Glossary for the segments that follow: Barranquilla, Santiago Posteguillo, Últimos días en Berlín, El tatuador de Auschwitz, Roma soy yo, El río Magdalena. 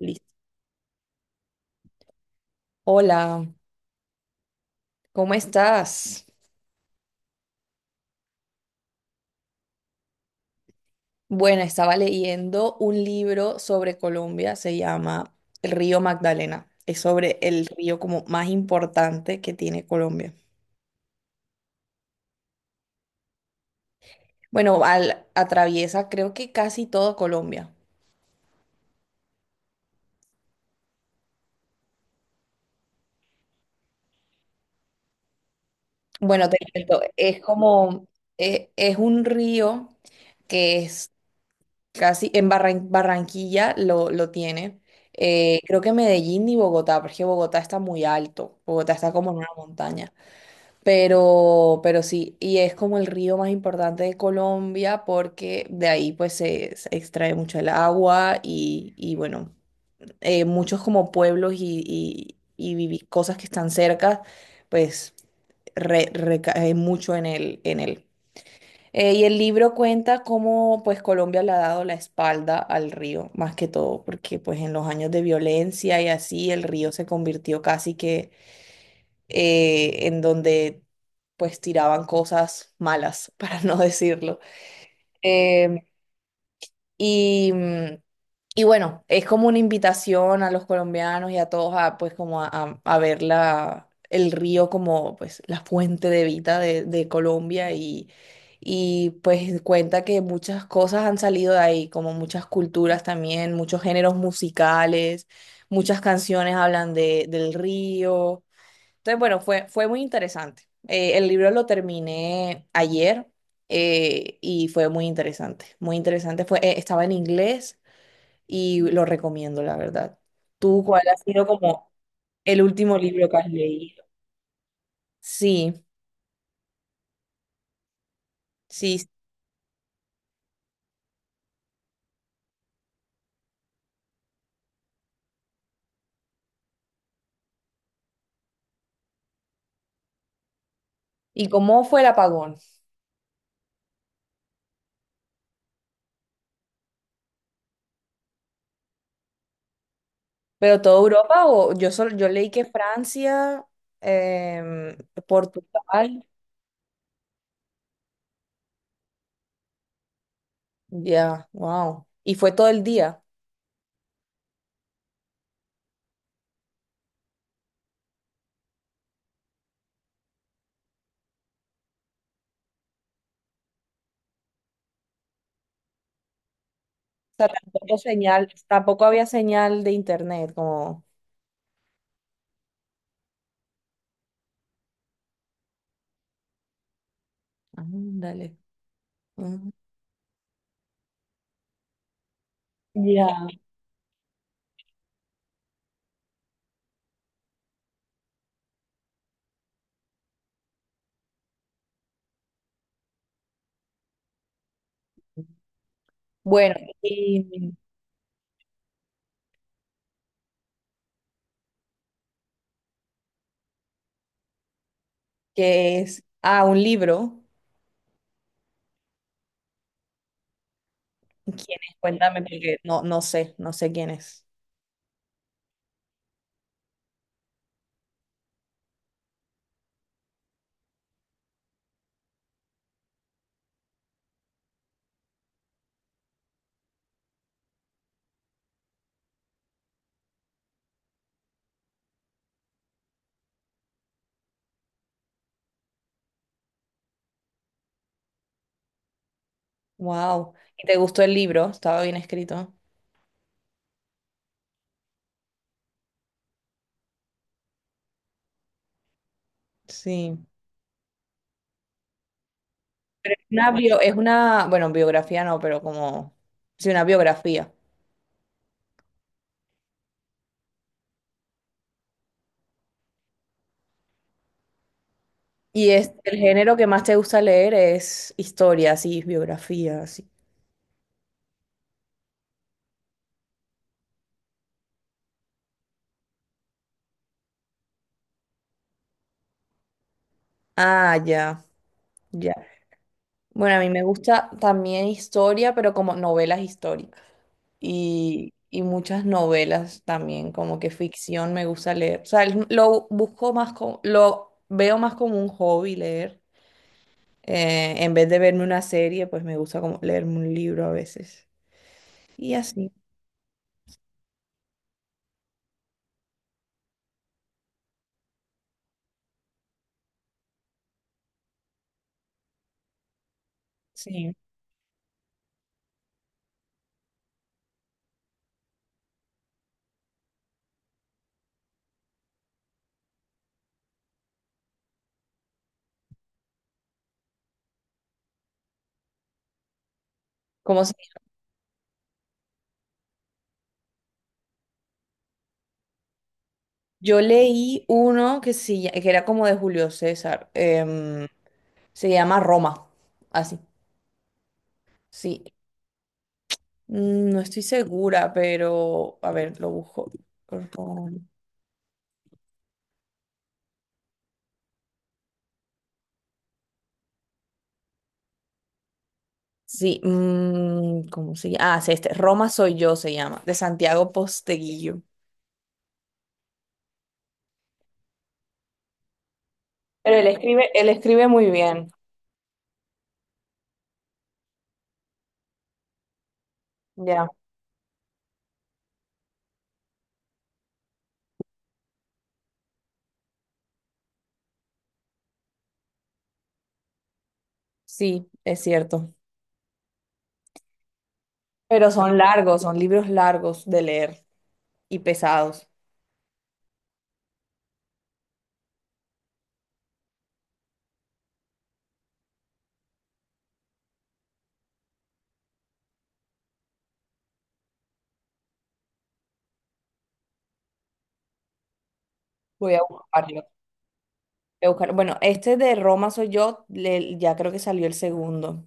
Listo. Hola, ¿cómo estás? Bueno, estaba leyendo un libro sobre Colombia, se llama El río Magdalena. Es sobre el río como más importante que tiene Colombia. Bueno, al, atraviesa creo que casi todo Colombia. Bueno, te cuento, es como, es un río que es casi, en Barranquilla lo tiene. Creo que Medellín y Bogotá, porque Bogotá está muy alto, Bogotá está como en una montaña. Pero sí, y es como el río más importante de Colombia porque de ahí pues se extrae mucho el agua y bueno, muchos como pueblos y cosas que están cerca, pues recae mucho en él. Y el libro cuenta cómo pues Colombia le ha dado la espalda al río, más que todo, porque pues en los años de violencia y así el río se convirtió casi que en donde pues tiraban cosas malas, para no decirlo. Em, y, mm, y bueno, es como una invitación a los colombianos y a todos a pues como a ver el río como pues la fuente de vida de Colombia y pues cuenta que muchas cosas han salido de ahí, como muchas culturas también, muchos géneros musicales, muchas canciones hablan de, del río. Entonces, bueno, fue muy interesante. El libro lo terminé ayer y fue muy interesante. Muy interesante. Estaba en inglés y lo recomiendo, la verdad. ¿Tú cuál ha sido como el último libro que has leído? Sí, sí, sí. ¿Y cómo fue el apagón? ¿Pero toda Europa o yo solo, yo leí que Francia, em, Portugal, ya, wow? ¿Y fue todo el día? O sea, ¿tampoco señal, tampoco había señal de internet, como? Ándale. Ujú. Ya. Bueno, ¿y que es? Ah, un libro. ¿Quién es? Cuéntame, porque no, no sé, no sé quién es. Wow. ¿Y te gustó el libro? ¿Estaba bien escrito? Sí. Una es una, bueno, biografía no, pero como, sí, una biografía. ¿Y es el género que más te gusta leer es historias y biografías? Y- Ah, ya, ya. Bueno, a mí me gusta también historia, pero como novelas históricas. Y muchas novelas también, como que ficción me gusta leer. O sea, lo busco más como, lo veo más como un hobby leer. En vez de verme una serie, pues me gusta como leerme un libro a veces. Y así, sí. Como si- yo leí uno que, sí que era como de Julio César. Se llama Roma. Así. Sí, no estoy segura, pero a ver, lo busco. Ro- Sí, ¿cómo se llama? Ah, sí, este. Roma soy yo se llama, de Santiago Posteguillo. Pero él escribe muy bien, ya. Sí, es cierto. Pero son largos, son libros largos de leer y pesados. Voy a buscarlo. Bueno, este de Roma soy yo, ya creo que salió el segundo.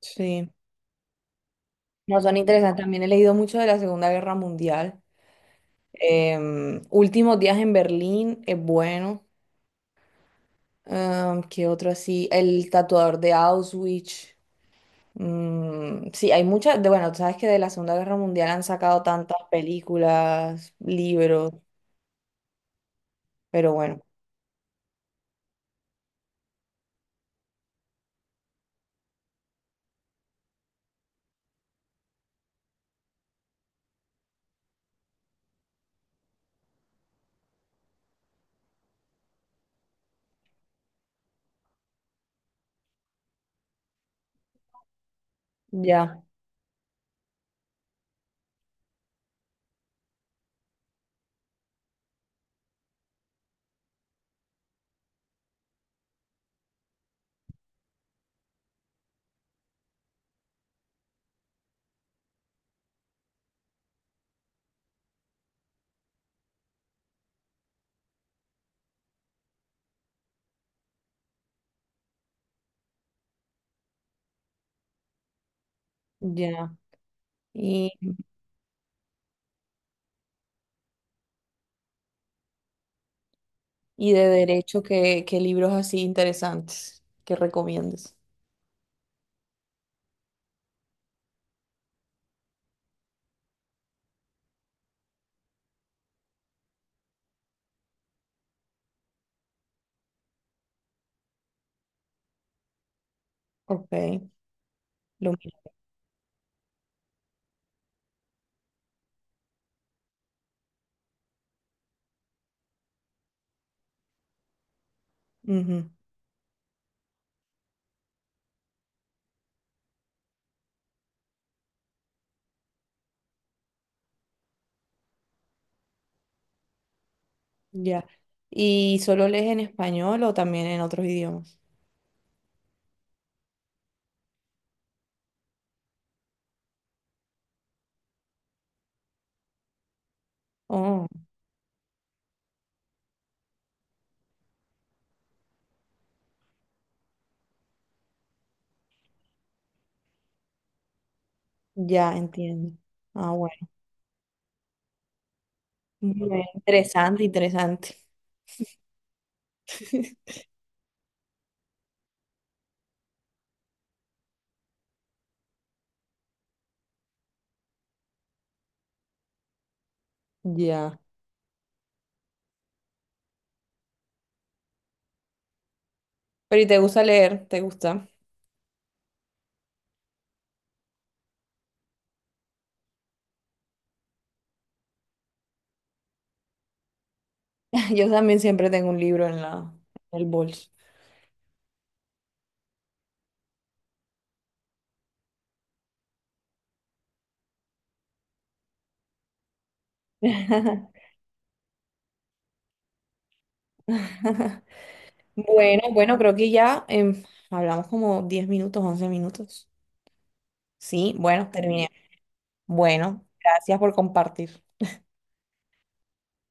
Sí. No, son interesantes. También he leído mucho de la Segunda Guerra Mundial. Últimos días en Berlín es bueno. ¿Qué otro así? El tatuador de Auschwitz. Sí, hay muchas, de, bueno, tú sabes que de la Segunda Guerra Mundial han sacado tantas películas, libros, pero bueno, ya, ya. Y, y de derecho, ¿qué, qué libros así interesantes que recomiendes? Ok, lo mismo. Ujú, ya. ¿Y solo lees en español o también en otros idiomas? Oh, ya entiendo. Ah, bueno. Bien, interesante, interesante. Ya. Pero ¿y te gusta leer? ¿Te gusta? Yo también siempre tengo un libro en la, en el bolso. Bueno, bueno, creo que ya hablamos como 10 minutos, 11 minutos. Sí, bueno, terminé. Bueno, gracias por compartir.